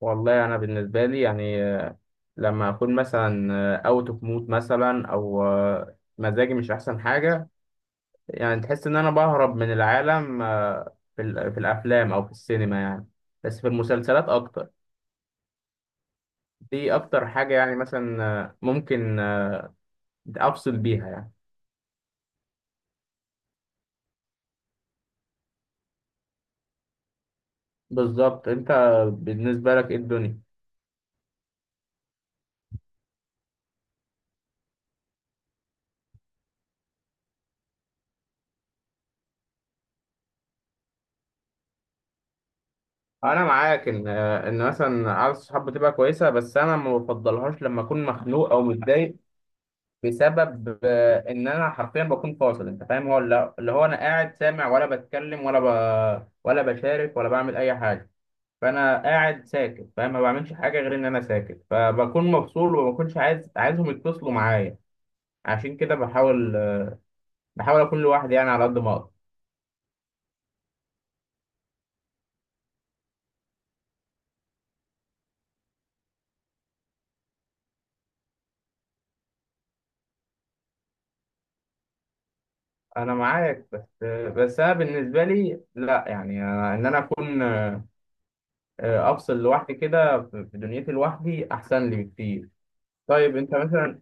والله انا بالنسبه لي يعني لما اكون مثلا اوت اوف مود مثلا او مزاجي مش احسن حاجه. يعني تحس ان انا بهرب من العالم في الافلام او في السينما يعني. بس في المسلسلات اكتر. دي اكتر حاجه يعني، مثلا ممكن افصل بيها يعني. بالظبط. انت بالنسبه لك ايه الدنيا؟ انا معاك ان مثلا قعده الصحاب بتبقى كويسه، بس انا ما بفضلهاش لما اكون مخنوق او متضايق، بسبب ان انا حرفيا بكون فاصل. انت فاهم؟ هو لا- اللي هو انا قاعد سامع، ولا بتكلم، ولا بشارك، ولا بعمل اي حاجه. فانا قاعد ساكت، فاهم، ما بعملش حاجه غير ان انا ساكت، فبكون مفصول، وما بكونش عايزهم يتصلوا معايا. عشان كده بحاول اكون لوحدي يعني، على قد ما اقدر. انا معاك، بس انا بالنسبه لي لا يعني، ان انا اكون افصل لوحدي كده، في دنيتي، لوحدي احسن لي بكتير. طيب انت مثلا.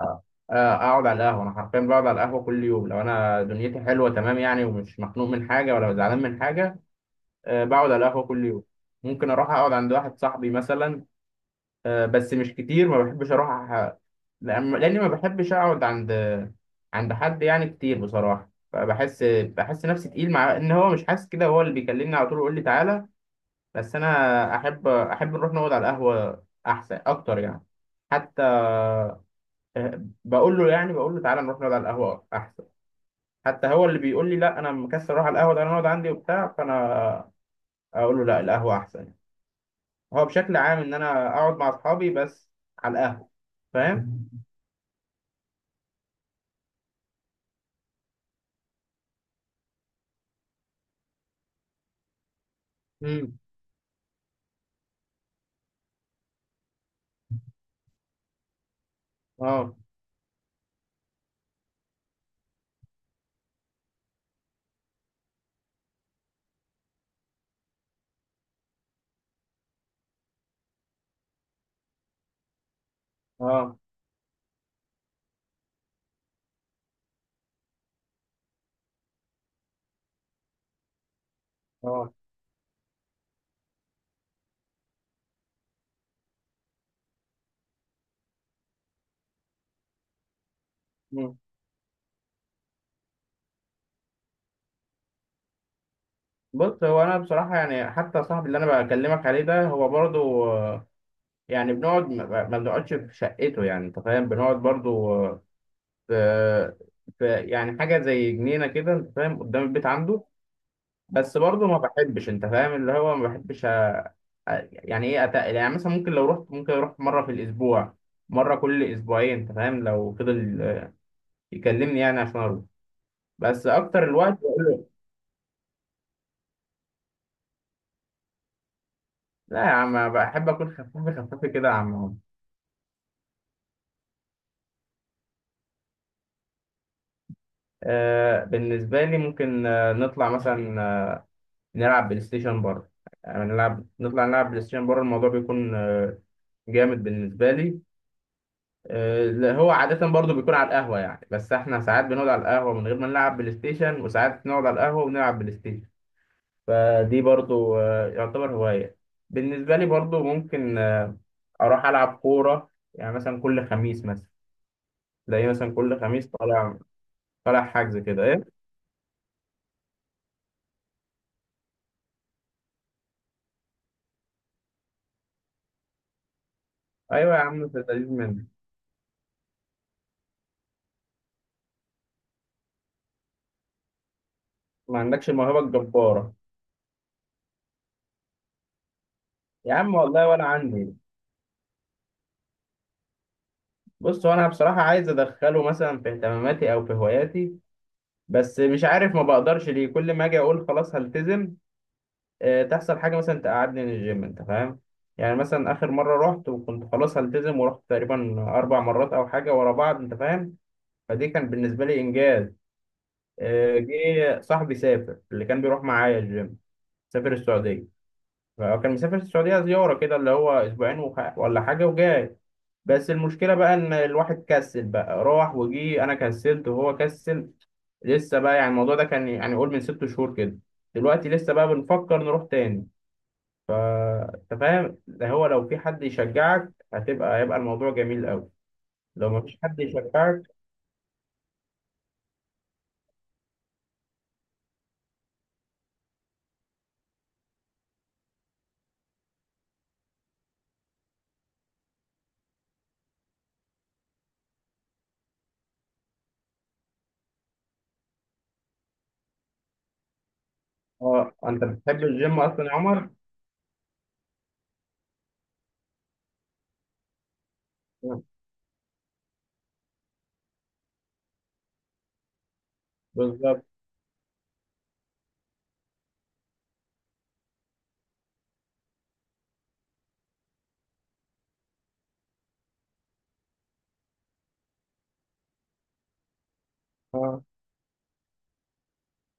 آه. اقعد على القهوه. انا حرفيا بقعد على القهوه كل يوم لو انا دنيتي حلوه تمام يعني، ومش مخنوق من حاجه ولا زعلان من حاجه. أه، بقعد على القهوه كل يوم. ممكن اروح اقعد عند واحد صاحبي مثلا. أه، بس مش كتير. ما بحبش اروح لأني ما بحبش اقعد عند حد يعني كتير بصراحه. فبحس نفسي تقيل، مع ان هو مش حاسس كده، هو اللي بيكلمني على طول يقول لي تعالى. بس انا احب نروح نقعد على القهوه احسن اكتر يعني. حتى بقول له تعالى نروح نقعد على القهوة أحسن. حتى هو اللي بيقول لي لا، أنا مكسل أروح على القهوة، ده أنا أقعد عندي وبتاع، فأنا أقول له لا، القهوة أحسن يعني. هو بشكل عام إن أنا أقعد مع أصحابي، بس على القهوة. فاهم؟ امم. اه. اه. اه. مم. بص، هو أنا بصراحة يعني حتى صاحبي اللي أنا بكلمك عليه ده، هو برضو يعني بنقعد ما بنقعدش في شقته يعني. أنت فاهم، بنقعد برضو في في يعني حاجة زي جنينة كده، أنت فاهم، قدام البيت عنده. بس برضه ما بحبش، انت فاهم اللي هو ما بحبش يعني ايه اتقل. يعني مثلا ممكن لو رحت ممكن اروح مره في الاسبوع، مره كل اسبوعين. انت فاهم لو فضل يكلمني يعني عشان اروح. بس اكتر الوقت. لا يا عم، بحب اكون خفيف خفيف كده يا عم عمر. آه، بالنسبه لي ممكن نطلع مثلا نلعب بلاي ستيشن بره. يعني نطلع نلعب بلاي ستيشن بره. الموضوع بيكون جامد بالنسبه لي. لا، هو عادة برضو بيكون على القهوة يعني، بس احنا ساعات بنقعد على القهوة من غير ما نلعب بلاي ستيشن، وساعات نقعد على القهوة ونلعب بلاي ستيشن. فدي برضو يعتبر هواية. بالنسبة لي برضو ممكن أروح ألعب كورة يعني مثلا كل خميس، مثلا تلاقيه مثلا كل خميس طالع حجز كده إيه. أيوة يا عم، في اللذيذ منك. ما عندكش الموهبة الجبارة. يا عم والله، ولا عندي. بص، هو أنا بصراحة عايز أدخله مثلا في اهتماماتي أو في هواياتي، بس مش عارف ما بقدرش ليه، كل ما أجي أقول خلاص هلتزم تحصل حاجة مثلا تقعدني من الجيم، أنت فاهم. يعني مثلا آخر مرة رحت وكنت خلاص هلتزم، ورحت تقريبا 4 مرات أو حاجة ورا بعض، أنت فاهم. فدي كان بالنسبة لي إنجاز. جه صاحبي سافر، اللي كان بيروح معايا الجيم سافر السعودية. فكان مسافر السعودية زيارة كده، اللي هو أسبوعين ولا حاجة وجاي. بس المشكلة بقى إن الواحد كسل بقى، راح وجي، أنا كسلت وهو كسل. لسه بقى يعني الموضوع ده كان يعني قول من 6 شهور كده. دلوقتي لسه بقى بنفكر نروح تاني. فانت فاهم، ده هو لو في حد يشجعك هيبقى الموضوع جميل قوي. لو ما فيش حد يشجعك. اه، انت بتحب الجيم اصلا يا عمر؟ آه، بالظبط. اه.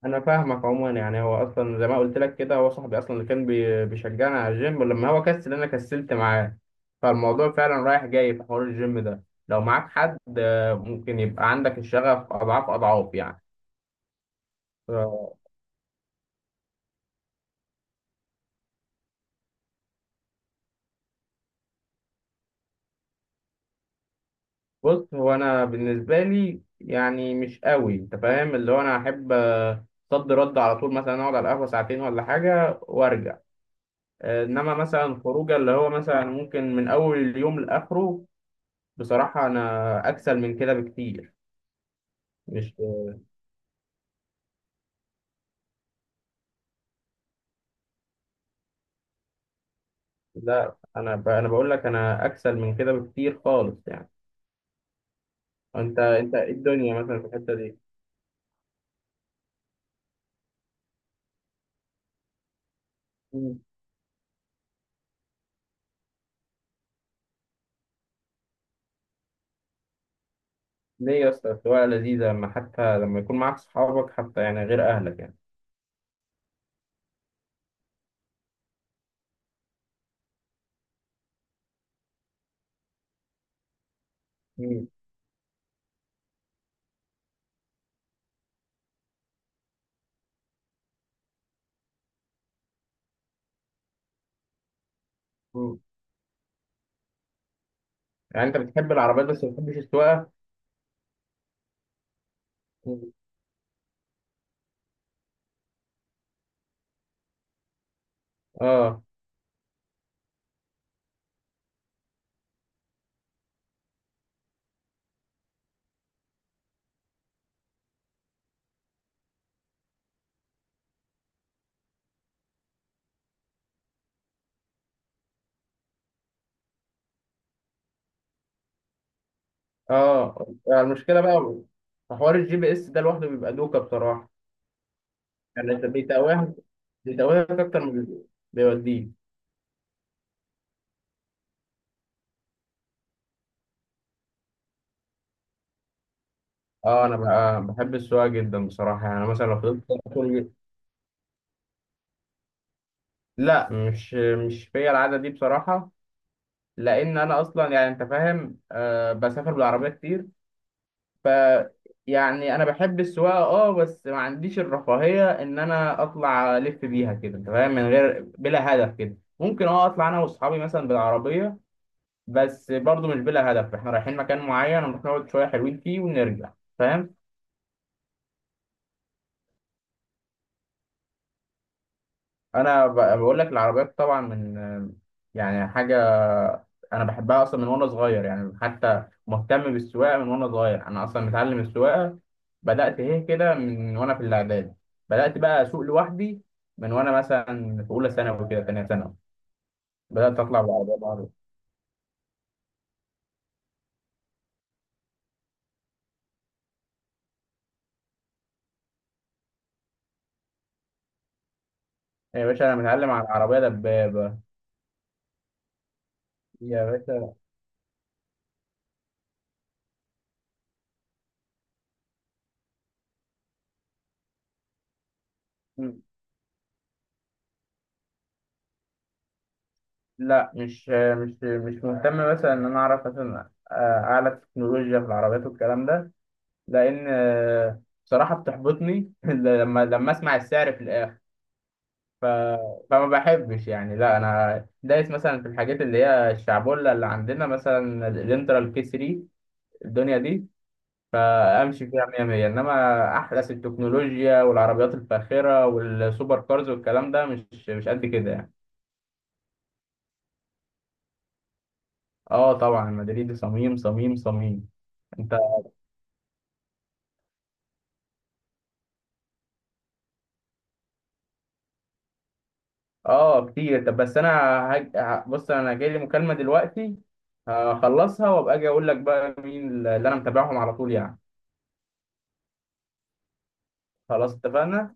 انا فاهمك عموما يعني. هو اصلا زي ما قلت لك كده، هو صاحبي اصلا اللي كان بيشجعني على الجيم، ولما هو كسل انا كسلت معاه. فالموضوع فعلا رايح جاي في حوار الجيم ده. لو معاك حد ممكن يبقى عندك الشغف اضعاف اضعاف يعني. بص، هو انا بالنسبه لي يعني مش قوي. انت فاهم اللي هو انا احب صد رد على طول، مثلا اقعد على القهوه ساعتين ولا حاجه وارجع. انما مثلا خروجه اللي هو مثلا ممكن من اول اليوم لاخره. بصراحه انا اكسل من كده بكتير. مش... لا، انا بقول لك انا اكسل من كده بكتير خالص يعني. انت إيه الدنيا مثلا في الحته دي؟ مم. ليه يا اسطى؟ السواقه لذيذه، حتى لما يكون معاك صحابك حتى يعني، غير اهلك يعني. مم. يعني انت بتحب العربيات بس ما بتحبش السواقه؟ مم. اه، اه، يعني المشكله بقى في حوار الجي بي اس ده لوحده بيبقى دوكه بصراحه. يعني انت بيتوهك اكتر من بيوديك. اه، انا بقى بحب السواقه جدا بصراحه، يعني مثلا لو فضلت طول. لا، مش فيا العاده دي بصراحه، لان انا اصلا يعني انت فاهم بسافر بالعربيه كتير. ف... يعني انا بحب السواقه اه، بس ما عنديش الرفاهيه ان انا اطلع الف بيها كده انت فاهم، من غير بلا هدف كده. ممكن اطلع انا واصحابي مثلا بالعربيه، بس برضو مش بلا هدف، احنا رايحين مكان معين، نروح نقعد شويه حلوين فيه ونرجع، فاهم. انا بقول لك العربيات طبعا من، يعني حاجه، انا بحبها اصلا من وانا صغير يعني، حتى مهتم بالسواقه من وانا صغير، انا اصلا متعلم السواقه. بدات ايه كده من وانا في الاعدادي. بدات بقى اسوق لوحدي من وانا مثلا في اولى ثانوي كده، ثانيه ثانوي. بدات اطلع بالعربيه بعربي يا باشا. انا متعلم على العربيه دبابه يا باشا. م- لا، مش مهتم مثلا ان انا اعرف مثلا اعلى تكنولوجيا في العربيات والكلام ده، لان بصراحه بتحبطني لما اسمع السعر في الاخر. ف... فما بحبش يعني. لا انا دايس مثلا في الحاجات اللي هي الشعبولة اللي عندنا، مثلا الانترا الكي 3، الدنيا دي، فامشي فيها 100 100، انما احدث التكنولوجيا والعربيات الفاخره والسوبر كارز والكلام ده مش قد كده يعني. اه طبعا، مدريد صميم صميم صميم. انت؟ اه كتير. طب بس انا بص انا جاي لي مكالمه دلوقتي، هخلصها وابقى اجي اقول لك بقى مين اللي انا متابعهم على طول يعني. خلاص اتفقنا.